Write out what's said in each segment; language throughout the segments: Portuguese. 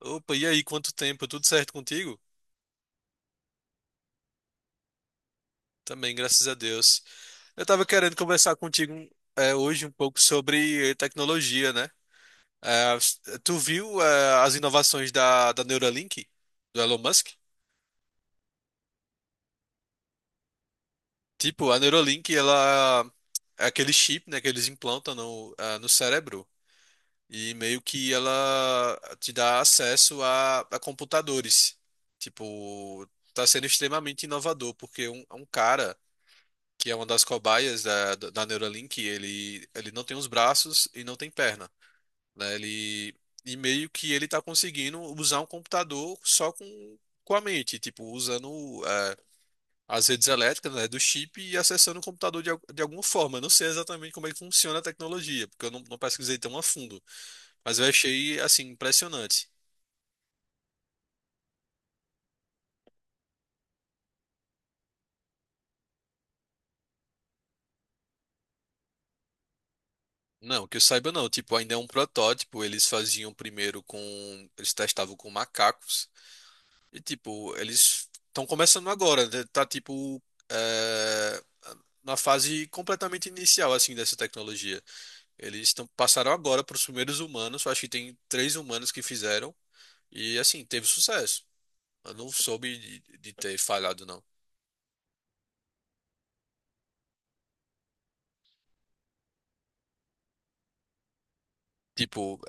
Opa, e aí, quanto tempo? Tudo certo contigo? Também, graças a Deus. Eu tava querendo conversar contigo hoje um pouco sobre tecnologia, né? É, tu viu as inovações da Neuralink, do Elon Musk? Tipo, a Neuralink, ela é aquele chip, né, que eles implantam no, no cérebro e meio que ela te dá acesso a computadores. Tipo, tá sendo extremamente inovador, porque um cara que é uma das cobaias da Neuralink, ele não tem os braços e não tem perna, né? E meio que ele está conseguindo usar um computador só com a mente, tipo, usando as redes elétricas, né, do chip e acessando o computador de alguma forma. Eu não sei exatamente como é que funciona a tecnologia, porque eu não, não pesquisei tão a fundo, mas eu achei, assim, impressionante. Não, que eu saiba não, tipo, ainda é um protótipo, eles testavam com macacos. E, tipo, eles estão começando agora, né? Tá tipo é, na fase completamente inicial assim dessa tecnologia. Passaram agora para os primeiros humanos, acho que tem três humanos que fizeram e assim teve sucesso. Eu não soube de ter falhado não. Tipo,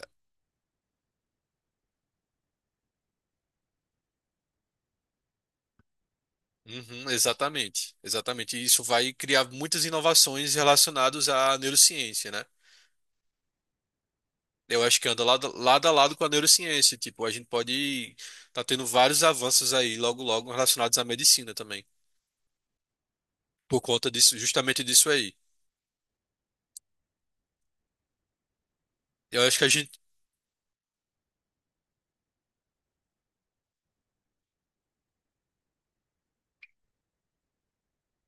uhum, exatamente, exatamente. E isso vai criar muitas inovações relacionadas à neurociência, né? Eu acho que anda lado a lado com a neurociência. Tipo, a gente pode tá tendo vários avanços aí logo logo relacionados à medicina também. Por conta disso, justamente disso aí. Eu acho que a gente.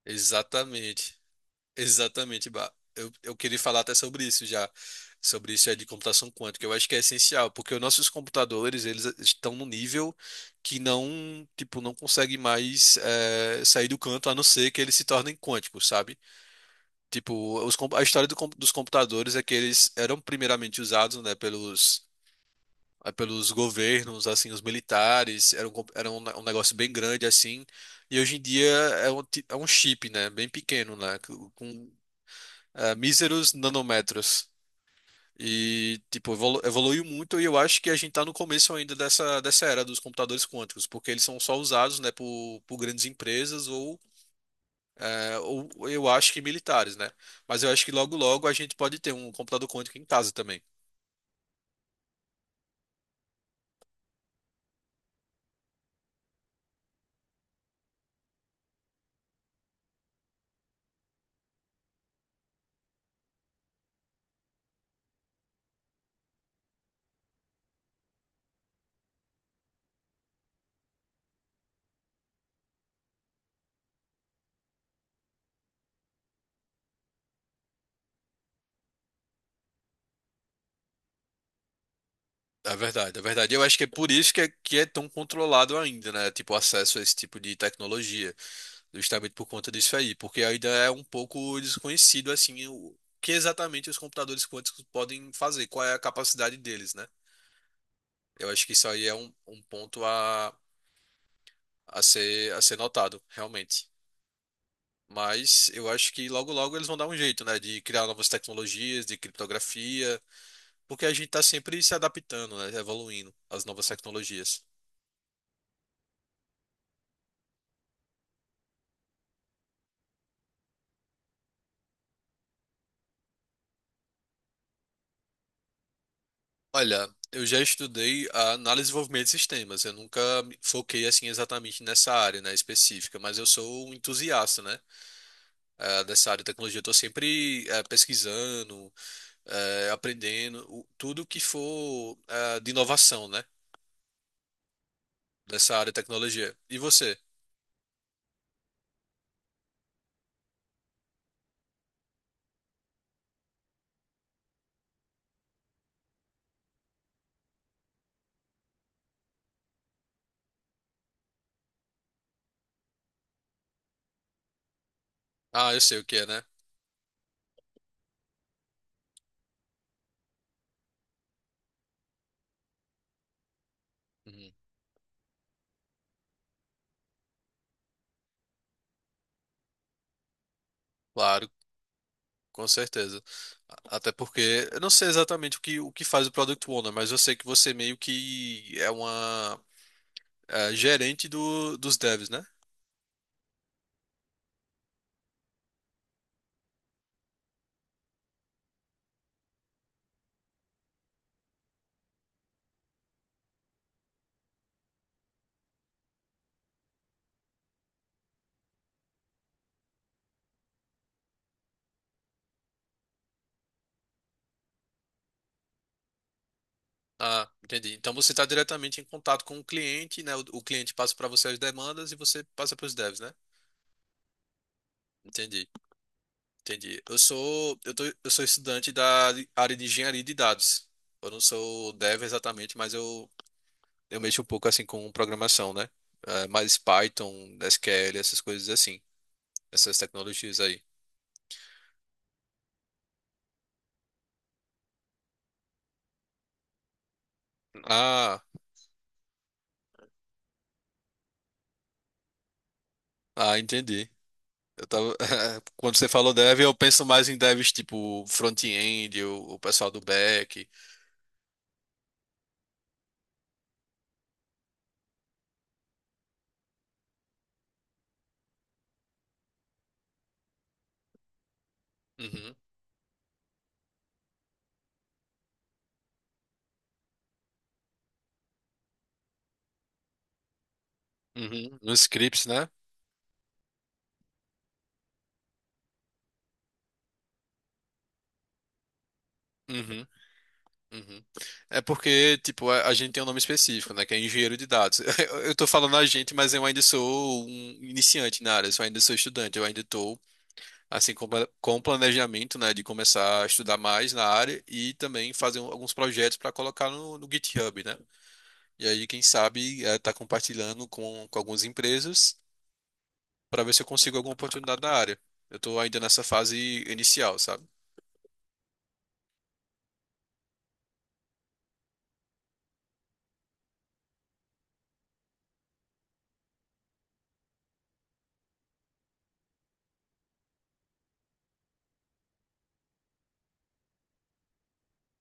Exatamente. Exatamente, bah. Eu queria falar até sobre isso já. Sobre isso de computação quântica. Eu acho que é essencial, porque os nossos computadores, eles estão num nível que não, tipo, não consegue mais sair do canto, a não ser que eles se tornem quânticos, sabe? Tipo, a história dos computadores é que eles eram primeiramente usados, né, pelos governos, assim, os militares, era era um negócio bem grande, assim, e hoje em dia é é um chip, né, bem pequeno, né, com míseros nanômetros. E, tipo, evoluiu muito e eu acho que a gente tá no começo ainda dessa era dos computadores quânticos, porque eles são só usados, né, por grandes empresas ou é, eu acho que militares, né? Mas eu acho que logo logo a gente pode ter um computador quântico em casa também. É verdade, é verdade. Eu acho que é por isso que que é tão controlado ainda, né? Tipo, o acesso a esse tipo de tecnologia, justamente por conta disso aí, porque ainda é um pouco desconhecido, assim, o que exatamente os computadores quânticos podem fazer, qual é a capacidade deles, né? Eu acho que isso aí é um ponto a ser notado, realmente. Mas eu acho que logo logo eles vão dar um jeito, né? De criar novas tecnologias, de criptografia. Porque a gente está sempre se adaptando, né? Evoluindo às novas tecnologias. Olha, eu já estudei a análise e desenvolvimento de sistemas. Eu nunca me foquei assim exatamente nessa área, né, específica, mas eu sou um entusiasta, né, dessa área de tecnologia. Eu tô sempre pesquisando, tudo que for de inovação, né, dessa área de tecnologia. E você? Ah, eu sei o que é, né? Uhum. Claro. Com certeza. Até porque eu não sei exatamente o que faz o Product Owner, mas eu sei que você meio que é uma gerente dos devs, né? Ah, entendi. Então você está diretamente em contato com o cliente, né? O cliente passa para você as demandas e você passa para os devs, né? Entendi, entendi. Eu sou estudante da área de engenharia de dados. Eu não sou dev exatamente, mas eu mexo um pouco assim com programação, né? Eh, mais Python, SQL, essas coisas assim, essas tecnologias aí. Ah, ah, entendi. Eu tava... Quando você falou dev, eu penso mais em devs tipo front-end, o pessoal do back. Uhum, uhum. Nos scripts, né? Uhum, uhum. É porque, tipo, a gente tem um nome específico, né? Que é engenheiro de dados. Eu tô falando a gente, mas eu ainda sou um iniciante na área, eu ainda sou estudante, eu ainda tô, assim, com planejamento, né? De começar a estudar mais na área e também fazer alguns projetos para colocar no GitHub, né? E aí, quem sabe, está compartilhando com algumas empresas para ver se eu consigo alguma oportunidade da área. Eu estou ainda nessa fase inicial, sabe?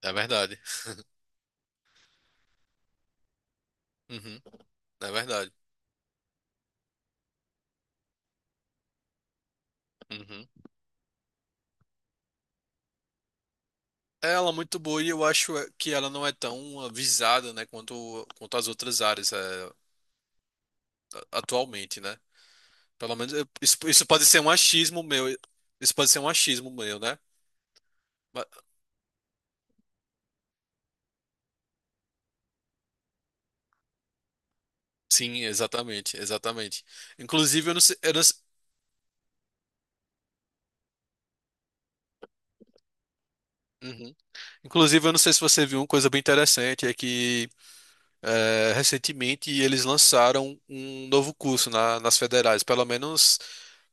É verdade. Uhum, é verdade. Uhum. Ela é muito boa e eu acho que ela não é tão avisada, né, quanto as outras áreas atualmente, né? Isso, isso pode ser um achismo meu. Isso pode ser um achismo meu, né? Ma- Sim, exatamente, exatamente. Inclusive, eu não sei, eu não, se- Uhum. Inclusive, eu não sei se você viu uma coisa bem interessante, é que recentemente eles lançaram um novo curso nas federais, pelo menos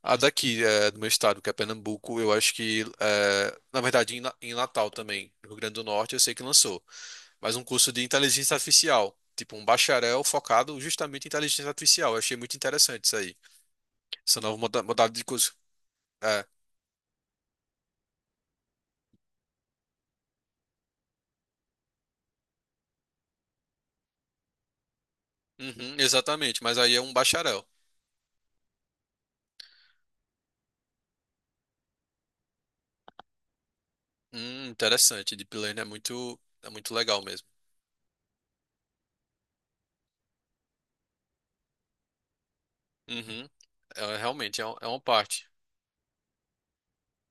a daqui, do meu estado, que é Pernambuco, eu acho que, na verdade, em Natal também, no Rio Grande do Norte, eu sei que lançou, mas um curso de inteligência artificial, tipo um bacharel focado justamente em inteligência artificial. Eu achei muito interessante isso aí, essa modalidade de curso. É, uhum, exatamente, mas aí é um bacharel. Interessante, Deep Learning é muito legal mesmo. Uhum, é, realmente é, é uma parte.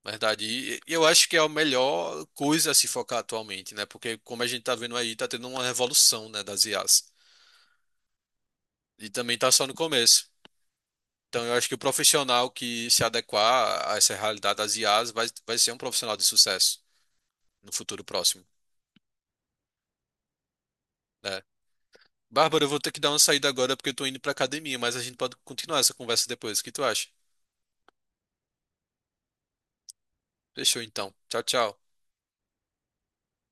Verdade. E eu acho que é a melhor coisa a se focar atualmente, né? Porque como a gente tá vendo aí, tá tendo uma revolução, né, das IAs. E também tá só no começo. Então eu acho que o profissional que se adequar a essa realidade das IAs vai, vai ser um profissional de sucesso no futuro próximo, né? Bárbara, eu vou ter que dar uma saída agora porque eu tô indo pra academia, mas a gente pode continuar essa conversa depois. O que tu acha? Fechou então. Tchau, tchau.